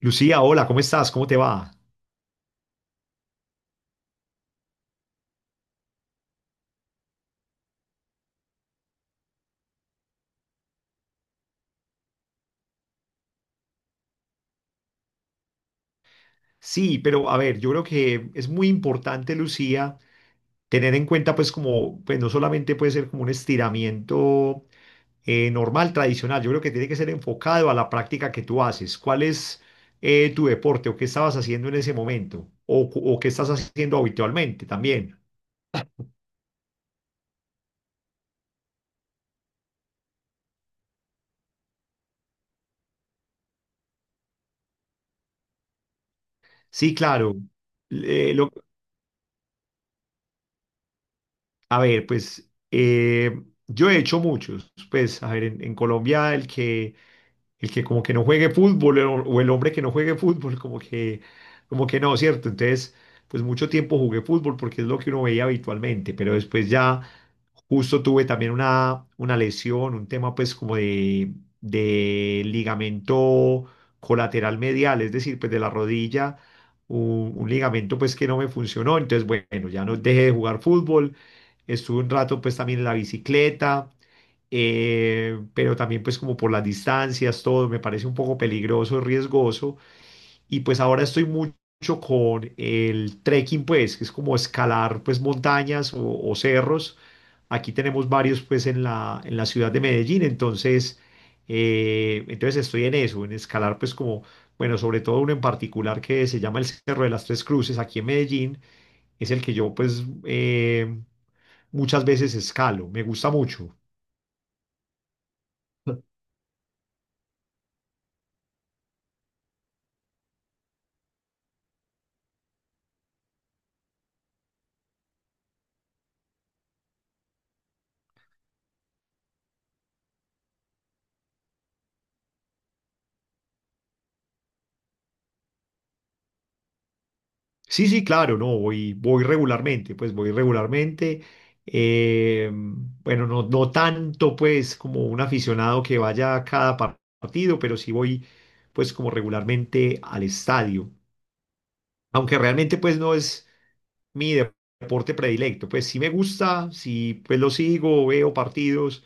Lucía, hola, ¿cómo estás? ¿Cómo te va? Sí, pero a ver, yo creo que es muy importante, Lucía, tener en cuenta pues como, pues no solamente puede ser como un estiramiento normal, tradicional, yo creo que tiene que ser enfocado a la práctica que tú haces. ¿Cuál es tu deporte o qué estabas haciendo en ese momento? ¿O o qué estás haciendo habitualmente también? Sí, claro. Eh, lo- a ver, pues yo he hecho muchos. Pues, a ver, en Colombia el que el que como que no juegue fútbol o el hombre que no juegue fútbol, como que no, ¿cierto? Entonces, pues mucho tiempo jugué fútbol porque es lo que uno veía habitualmente, pero después ya justo tuve también una lesión, un tema pues como de ligamento colateral medial, es decir, pues de la rodilla, un ligamento pues que no me funcionó, entonces bueno, ya no dejé de jugar fútbol, estuve un rato pues también en la bicicleta pero también pues como por las distancias, todo me parece un poco peligroso, riesgoso, y pues ahora estoy mucho con el trekking pues, que es como escalar pues montañas o cerros, aquí tenemos varios pues en la ciudad de Medellín, entonces, entonces estoy en eso, en escalar pues como, bueno, sobre todo uno en particular que se llama el Cerro de las Tres Cruces, aquí en Medellín, es el que yo pues muchas veces escalo, me gusta mucho. Sí, sí, claro, no, voy, voy regularmente, pues voy regularmente. Eh, bueno, no, no tanto pues como un aficionado que vaya a partido, pero sí voy pues como regularmente al estadio. Aunque realmente pues no es mi deporte predilecto, pues sí me gusta, sí pues lo sigo, veo partidos,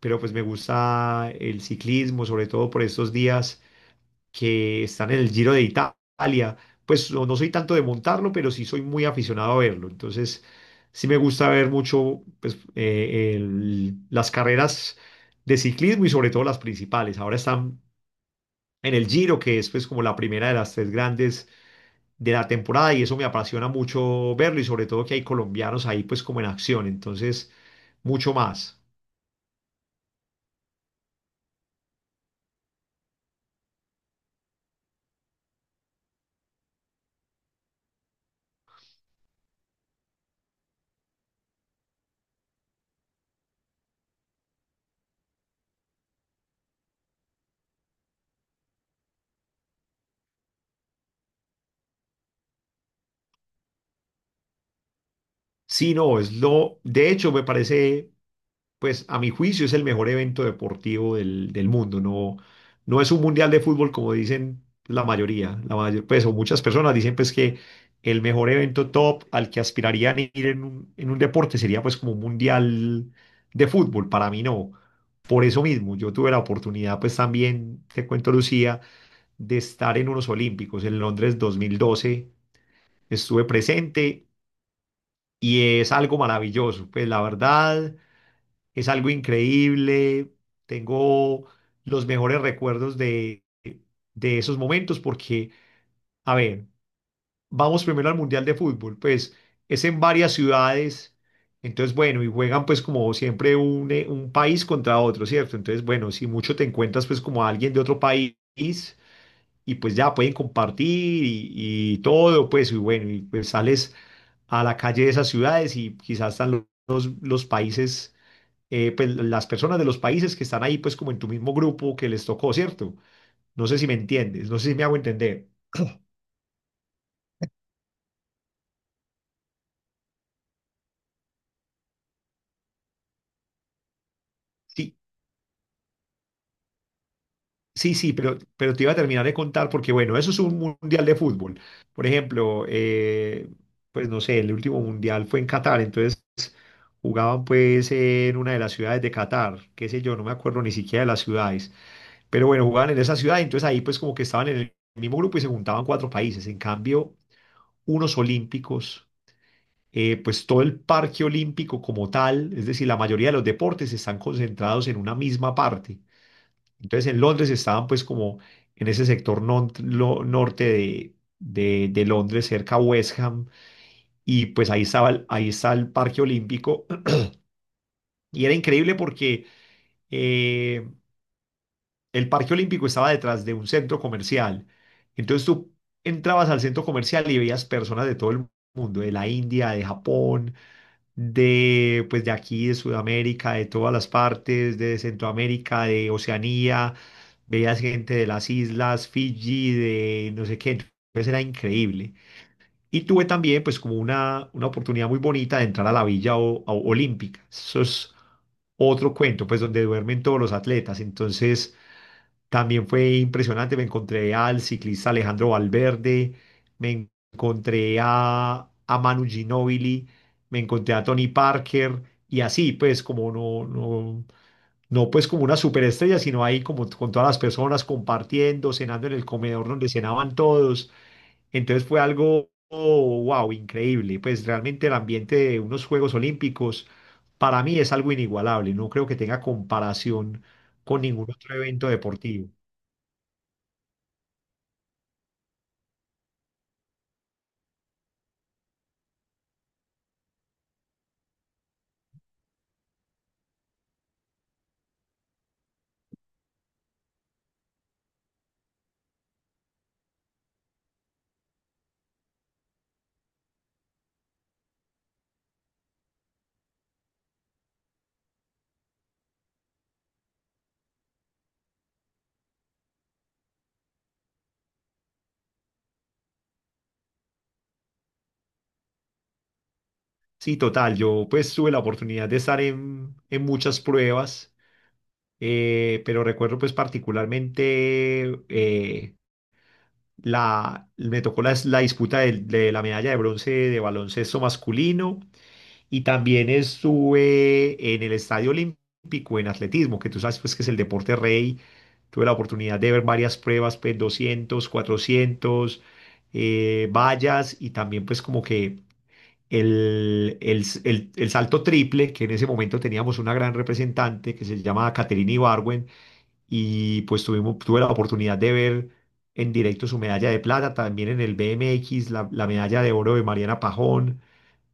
pero pues me gusta el ciclismo, sobre todo por estos días que están en el Giro de Italia. Pues no, no soy tanto de montarlo, pero sí soy muy aficionado a verlo. Entonces, sí me gusta ver mucho pues, las carreras de ciclismo y sobre todo las principales. Ahora están en el Giro, que es pues como la primera de las tres grandes de la temporada y eso me apasiona mucho verlo y sobre todo que hay colombianos ahí pues como en acción. Entonces, mucho más. Sí, no, es lo, de hecho me parece pues a mi juicio es el mejor evento deportivo del mundo. No, no es un mundial de fútbol como dicen la mayoría, la mayor, pues o muchas personas dicen pues que el mejor evento top al que aspirarían ir en un deporte sería pues como un mundial de fútbol. Para mí no. Por eso mismo, yo tuve la oportunidad, pues también, te cuento Lucía, de estar en unos Olímpicos en Londres 2012. Estuve presente y es algo maravilloso. Pues la verdad, es algo increíble. Tengo los mejores recuerdos de esos momentos porque, a ver, vamos primero al Mundial de Fútbol. Pues es en varias ciudades. Entonces, bueno, y juegan pues como siempre un país contra otro, ¿cierto? Entonces, bueno, si mucho te encuentras pues como a alguien de otro país y pues ya pueden compartir y todo, pues, y bueno, y pues sales a la calle de esas ciudades y quizás están los países pues las personas de los países que están ahí, pues como en tu mismo grupo que les tocó, ¿cierto? No sé si me entiendes, no sé si me hago entender. Sí, sí, sí, pero te iba a terminar de contar porque, bueno, eso es un mundial de fútbol. Por ejemplo, pues no sé, el último mundial fue en Qatar, entonces jugaban pues en una de las ciudades de Qatar, qué sé yo, no me acuerdo ni siquiera de las ciudades, pero bueno, jugaban en esa ciudad, entonces ahí pues como que estaban en el mismo grupo y se juntaban cuatro países. En cambio, unos olímpicos pues todo el parque olímpico como tal, es decir, la mayoría de los deportes están concentrados en una misma parte. Entonces en Londres estaban pues como en ese sector norte de, de Londres, cerca a West Ham, y pues ahí estaba, ahí está el parque olímpico. Y era increíble porque eh, el parque olímpico estaba detrás de un centro comercial. Entonces tú entrabas al centro comercial y veías personas de todo el mundo, de la India, de Japón, de pues de aquí, de Sudamérica, de todas las partes, de Centroamérica, de Oceanía, veías gente de las islas, Fiji, de no sé qué, entonces era increíble. Y tuve también pues como una oportunidad muy bonita de entrar a la Villa Olímpica. Eso es otro cuento, pues donde duermen todos los atletas. Entonces también fue impresionante, me encontré al ciclista Alejandro Valverde, me encontré a Manu Ginóbili, me encontré a Tony Parker y así, pues como no pues como una superestrella, sino ahí como con todas las personas compartiendo, cenando en el comedor donde cenaban todos. Entonces fue algo, wow, increíble. Pues realmente el ambiente de unos Juegos Olímpicos para mí es algo inigualable, no creo que tenga comparación con ningún otro evento deportivo. Sí, total. Yo pues tuve la oportunidad de estar en muchas pruebas, pero recuerdo pues particularmente la, me tocó la disputa de la medalla de bronce de baloncesto masculino y también estuve en el Estadio Olímpico en atletismo, que tú sabes pues que es el deporte rey. Tuve la oportunidad de ver varias pruebas, pues 200, 400 vallas y también pues como que el, el el salto triple, que en ese momento teníamos una gran representante que se llama Caterina Ibargüen, y pues tuvimos, tuve la oportunidad de ver en directo su medalla de plata, también en el BMX, la medalla de oro de Mariana Pajón,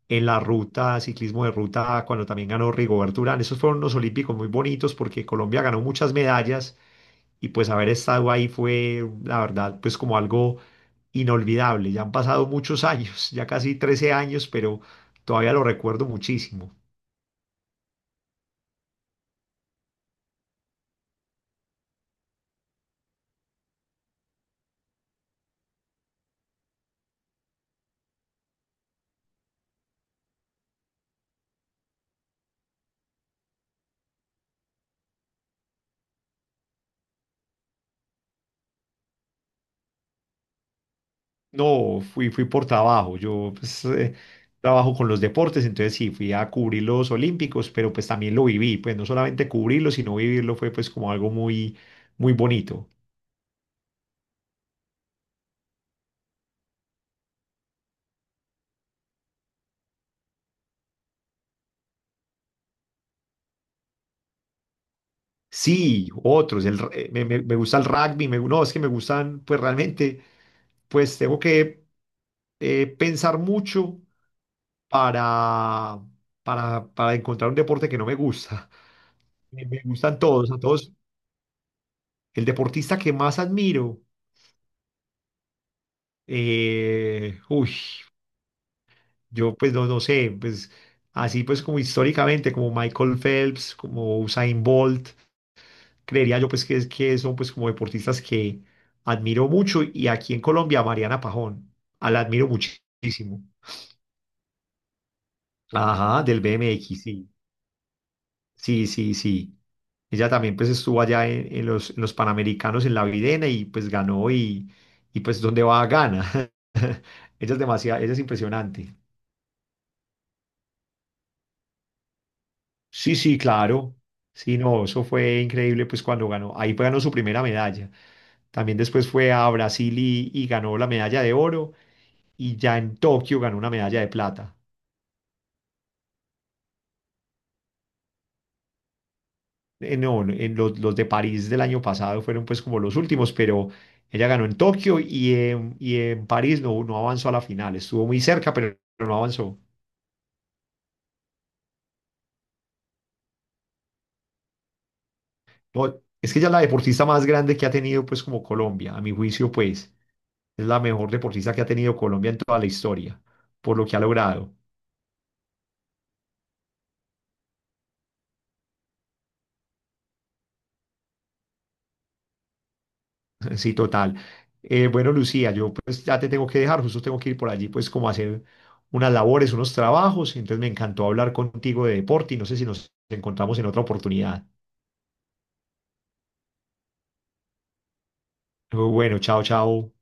en la ruta, ciclismo de ruta, cuando también ganó Rigoberto Urán. Esos fueron unos olímpicos muy bonitos porque Colombia ganó muchas medallas y pues haber estado ahí fue, la verdad, pues como algo inolvidable. Ya han pasado muchos años, ya casi 13 años, pero todavía lo recuerdo muchísimo. No, fui, fui por trabajo, yo pues, trabajo con los deportes, entonces sí, fui a cubrir los Olímpicos, pero pues también lo viví, pues no solamente cubrirlo, sino vivirlo fue pues como algo muy, muy bonito. Sí, otros. El, r- me, me- Me gusta el rugby. Me, no, es que me gustan, pues realmente, pues tengo que pensar mucho para, para encontrar un deporte que no me gusta. Me gustan todos, a todos. El deportista que más admiro, eh, uy, yo pues no, no sé, pues así pues como históricamente, como Michael Phelps, como Usain Bolt, creería yo pues que son pues como deportistas que admiro mucho y aquí en Colombia a Mariana Pajón, a la admiro muchísimo. Ajá, del BMX, sí, sí, sí, sí. Ella también pues estuvo allá en los Panamericanos en La Videna y pues ganó y pues donde va gana. Ella es demasiado, ella es impresionante. Sí, sí, claro. Sí, no, eso fue increíble pues cuando ganó. Ahí ganó su primera medalla. También después fue a Brasil y ganó la medalla de oro, y ya en Tokio ganó una medalla de plata. No, en los de París del año pasado fueron pues como los últimos, pero ella ganó en Tokio y en París no, no avanzó a la final. Estuvo muy cerca, pero no avanzó. No, es que ella es la deportista más grande que ha tenido pues como Colombia, a mi juicio pues. Es la mejor deportista que ha tenido Colombia en toda la historia, por lo que ha logrado. Sí, total. Bueno, Lucía, yo pues ya te tengo que dejar, justo tengo que ir por allí pues como a hacer unas labores, unos trabajos, entonces me encantó hablar contigo de deporte y no sé si nos encontramos en otra oportunidad. Bueno, chao, chao.